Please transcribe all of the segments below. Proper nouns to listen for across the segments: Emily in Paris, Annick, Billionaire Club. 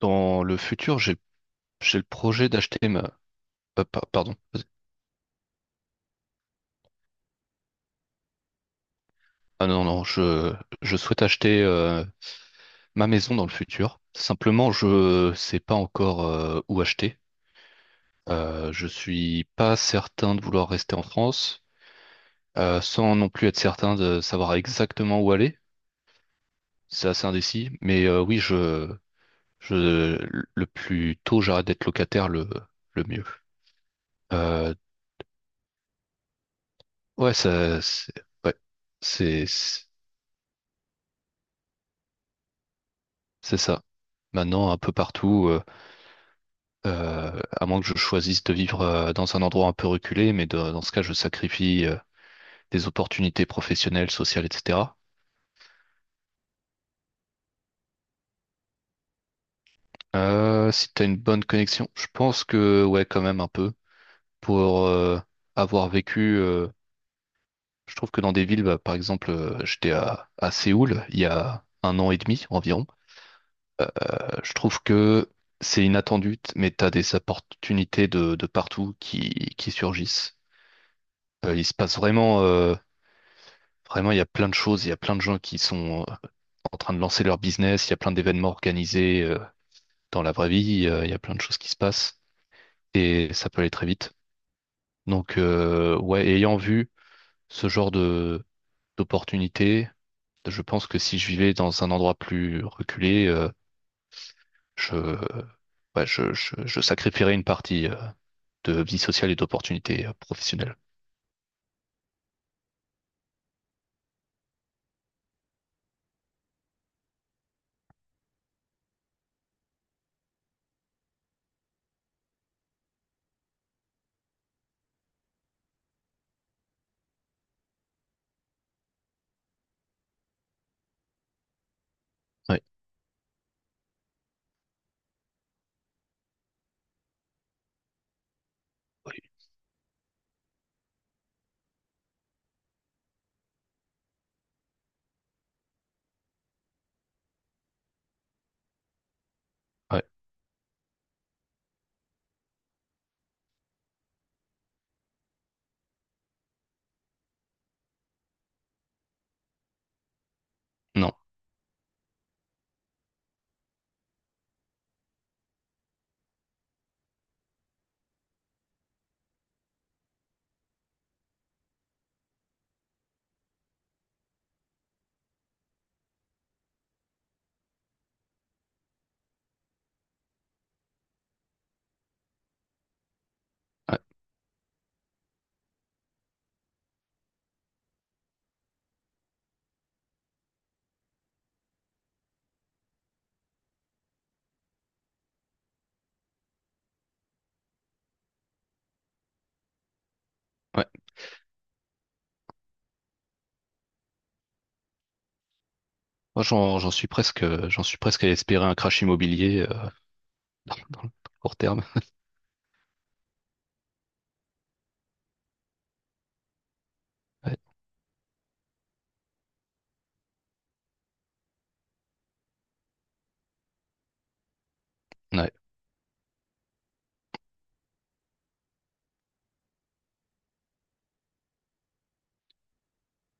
Dans le futur, j'ai le projet d'acheter ma pa- pardon. Vas-y. Ah non non, je souhaite acheter ma maison dans le futur. Simplement, je sais pas encore où acheter. Je suis pas certain de vouloir rester en France, sans non plus être certain de savoir exactement où aller. C'est assez indécis. Mais oui, je, le plus tôt j'arrête d'être locataire, le mieux. Euh, ouais, ça, c'est, ouais, c'est, c'est c'est ça. Maintenant, un peu partout, à moins que je choisisse de vivre dans un endroit un peu reculé, mais dans ce cas, je sacrifie des opportunités professionnelles, sociales, etc. Si tu as une bonne connexion, je pense que ouais, quand même un peu. Pour avoir vécu je trouve que dans des villes, bah, par exemple, j'étais à Séoul il y a un an et demi environ. Euh, je trouve que c'est inattendu, mais t'as des opportunités de partout qui surgissent. Il se passe vraiment, il y a plein de choses, il y a plein de gens qui sont en train de lancer leur business, il y a plein d'événements organisés dans la vraie vie, il y a plein de choses qui se passent et ça peut aller très vite. Donc, ouais, ayant vu ce genre de d'opportunités, je pense que si je vivais dans un endroit plus reculé, je, ouais, je sacrifierais une partie de vie sociale et d'opportunités professionnelles. Ouais, oui, ouais, non, ouais, ouais. Moi, j'en suis presque à espérer un crash immobilier dans, dans le court terme. Ouais, ouais,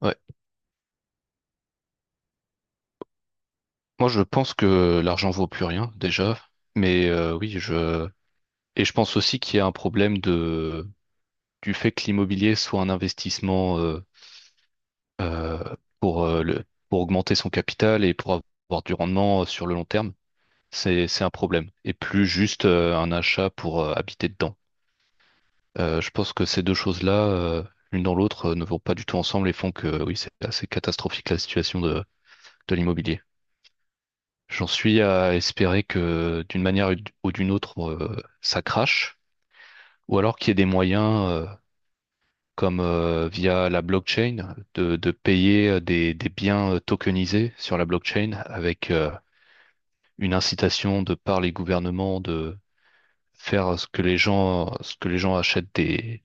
ouais. Moi, je pense que l'argent vaut plus rien déjà, mais oui, je et je pense aussi qu'il y a un problème de du fait que l'immobilier soit un investissement. Euh, pour, pour augmenter son capital et pour avoir du rendement sur le long terme, c'est un problème. Et plus juste un achat pour habiter dedans. Je pense que ces deux choses-là, l'une dans l'autre, ne vont pas du tout ensemble et font que oui, c'est assez catastrophique la situation de l'immobilier. J'en suis à espérer que d'une manière ou d'une autre, ça crache, ou alors qu'il y ait des moyens, comme via la blockchain, de payer des biens tokenisés sur la blockchain avec, une incitation de par les gouvernements de faire ce que les gens, ce que les gens achètent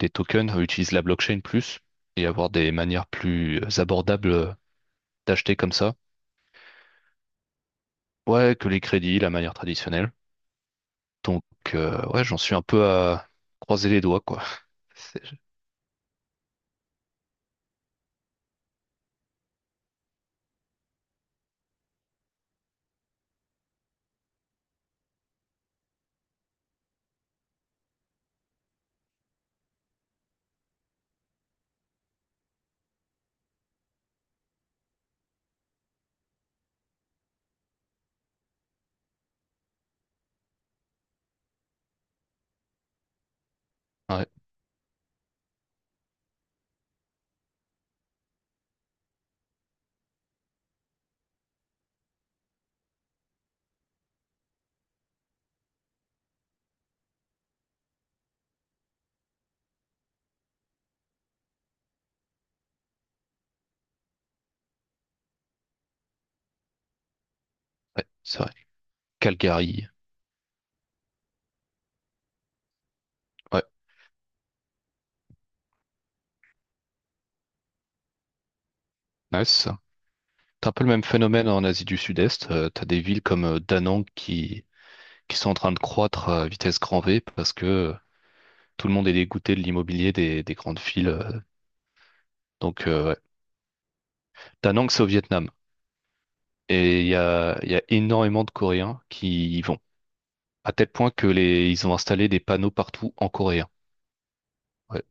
des tokens, utilisent la blockchain plus et avoir des manières plus abordables d'acheter comme ça. Ouais, que les crédits, la manière traditionnelle. Donc, ouais, j'en suis un peu à croiser les doigts, quoi. C'est- Ouais, ouais, c'est vrai. Calgary. Ouais, Nice. T'as un peu le même phénomène en Asie du Sud-Est. T'as des villes comme Da Nang qui sont en train de croître à vitesse grand V parce que tout le monde est dégoûté de l'immobilier des grandes villes. Donc, ouais. Da Nang, c'est au Vietnam. Et il y a énormément de Coréens qui à tel point que les, ils ont installé des panneaux partout en coréen. Ouais.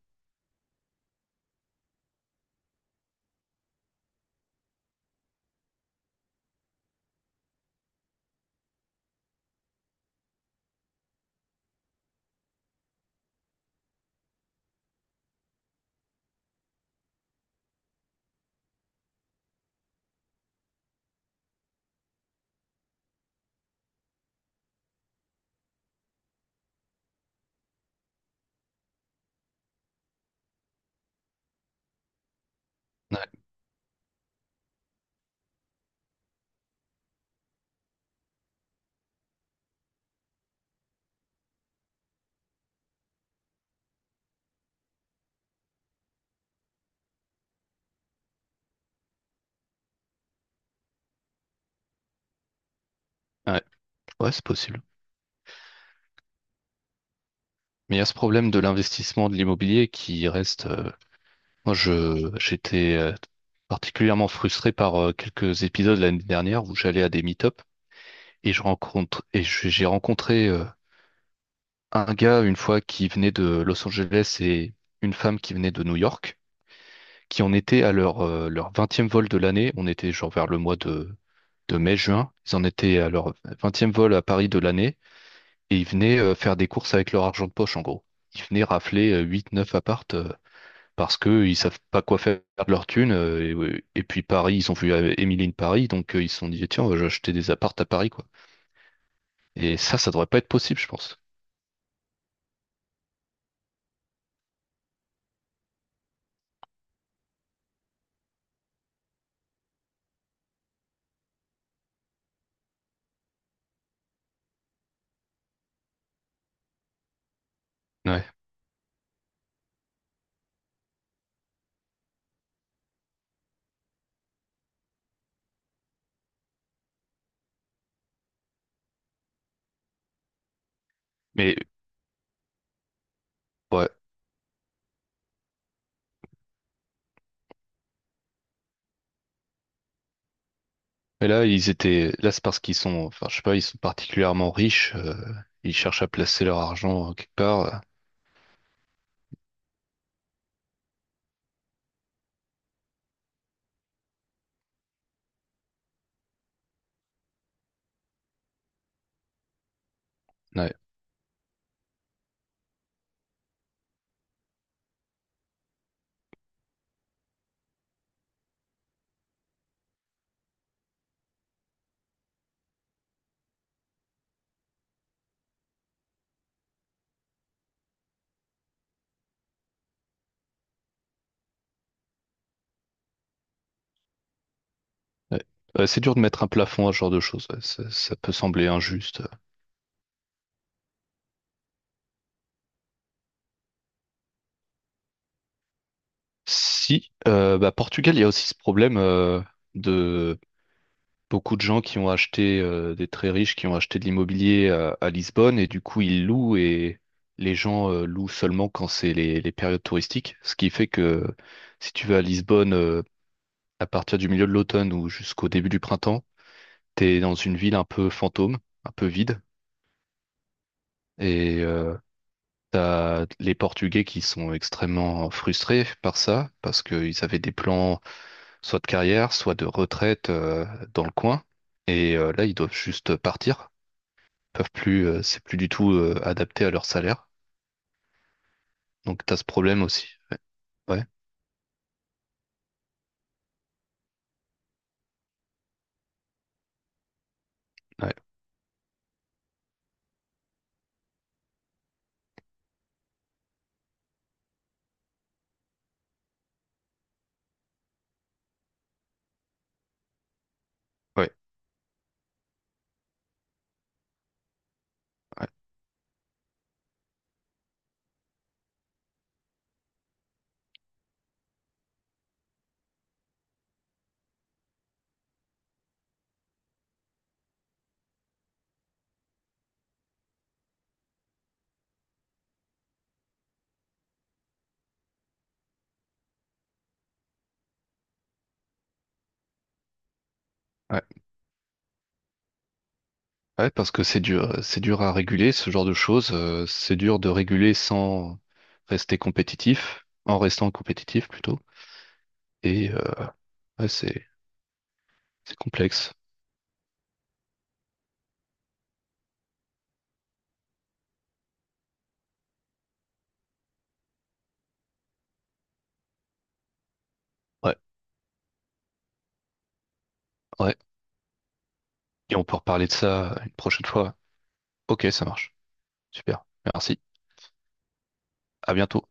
Ouais, ouais, ouais, c'est possible. Mais il y a ce problème de l'investissement de l'immobilier qui reste. Moi, je j'étais particulièrement frustré par quelques épisodes l'année dernière où j'allais à des meet-up et je rencontre, j'ai rencontré un gars une fois qui venait de Los Angeles et une femme qui venait de New York, qui en étaient à leur 20e vol de l'année. On était genre vers le mois de mai-juin. Ils en étaient à leur vingtième vol à Paris de l'année et ils venaient faire des courses avec leur argent de poche en gros. Ils venaient rafler huit, neuf appartes parce qu'ils savent pas quoi faire de leur thune. Et puis Paris, ils ont vu Emily in Paris, donc ils se sont dit, tiens, on va acheter des appartes à Paris, quoi. Et ça devrait pas être possible, je pense. Ouais. Mais ouais. Mais là, ils étaient. Là, c'est parce qu'ils sont. Enfin, je sais pas, ils sont particulièrement riches. Ils cherchent à placer leur argent quelque part. Ouais. Ouais. Ouais, c'est dur de mettre un plafond à ce genre de choses. Ouais, ça peut sembler injuste. Si, bah, Portugal, il y a aussi ce problème de beaucoup de gens qui ont acheté, des très riches qui ont acheté de l'immobilier à Lisbonne et du coup ils louent et les gens louent seulement quand c'est les périodes touristiques. Ce qui fait que si tu vas à Lisbonne à partir du milieu de l'automne ou jusqu'au début du printemps, t'es dans une ville un peu fantôme, un peu vide, et t'as les Portugais qui sont extrêmement frustrés par ça, parce qu'ils avaient des plans soit de carrière, soit de retraite dans le coin, et là ils doivent juste partir, peuvent plus, c'est plus du tout adapté à leur salaire, donc t'as ce problème aussi. Ouais, ouais, ouais, ouais. Ouais. Ouais. Ouais, parce que c'est dur à réguler, ce genre de choses. C'est dur de réguler sans rester compétitif, en restant compétitif plutôt. Et ouais, c'est complexe. Ouais, ouais. Et on peut reparler de ça une prochaine fois. Ok, ça marche. Super. Merci. À bientôt.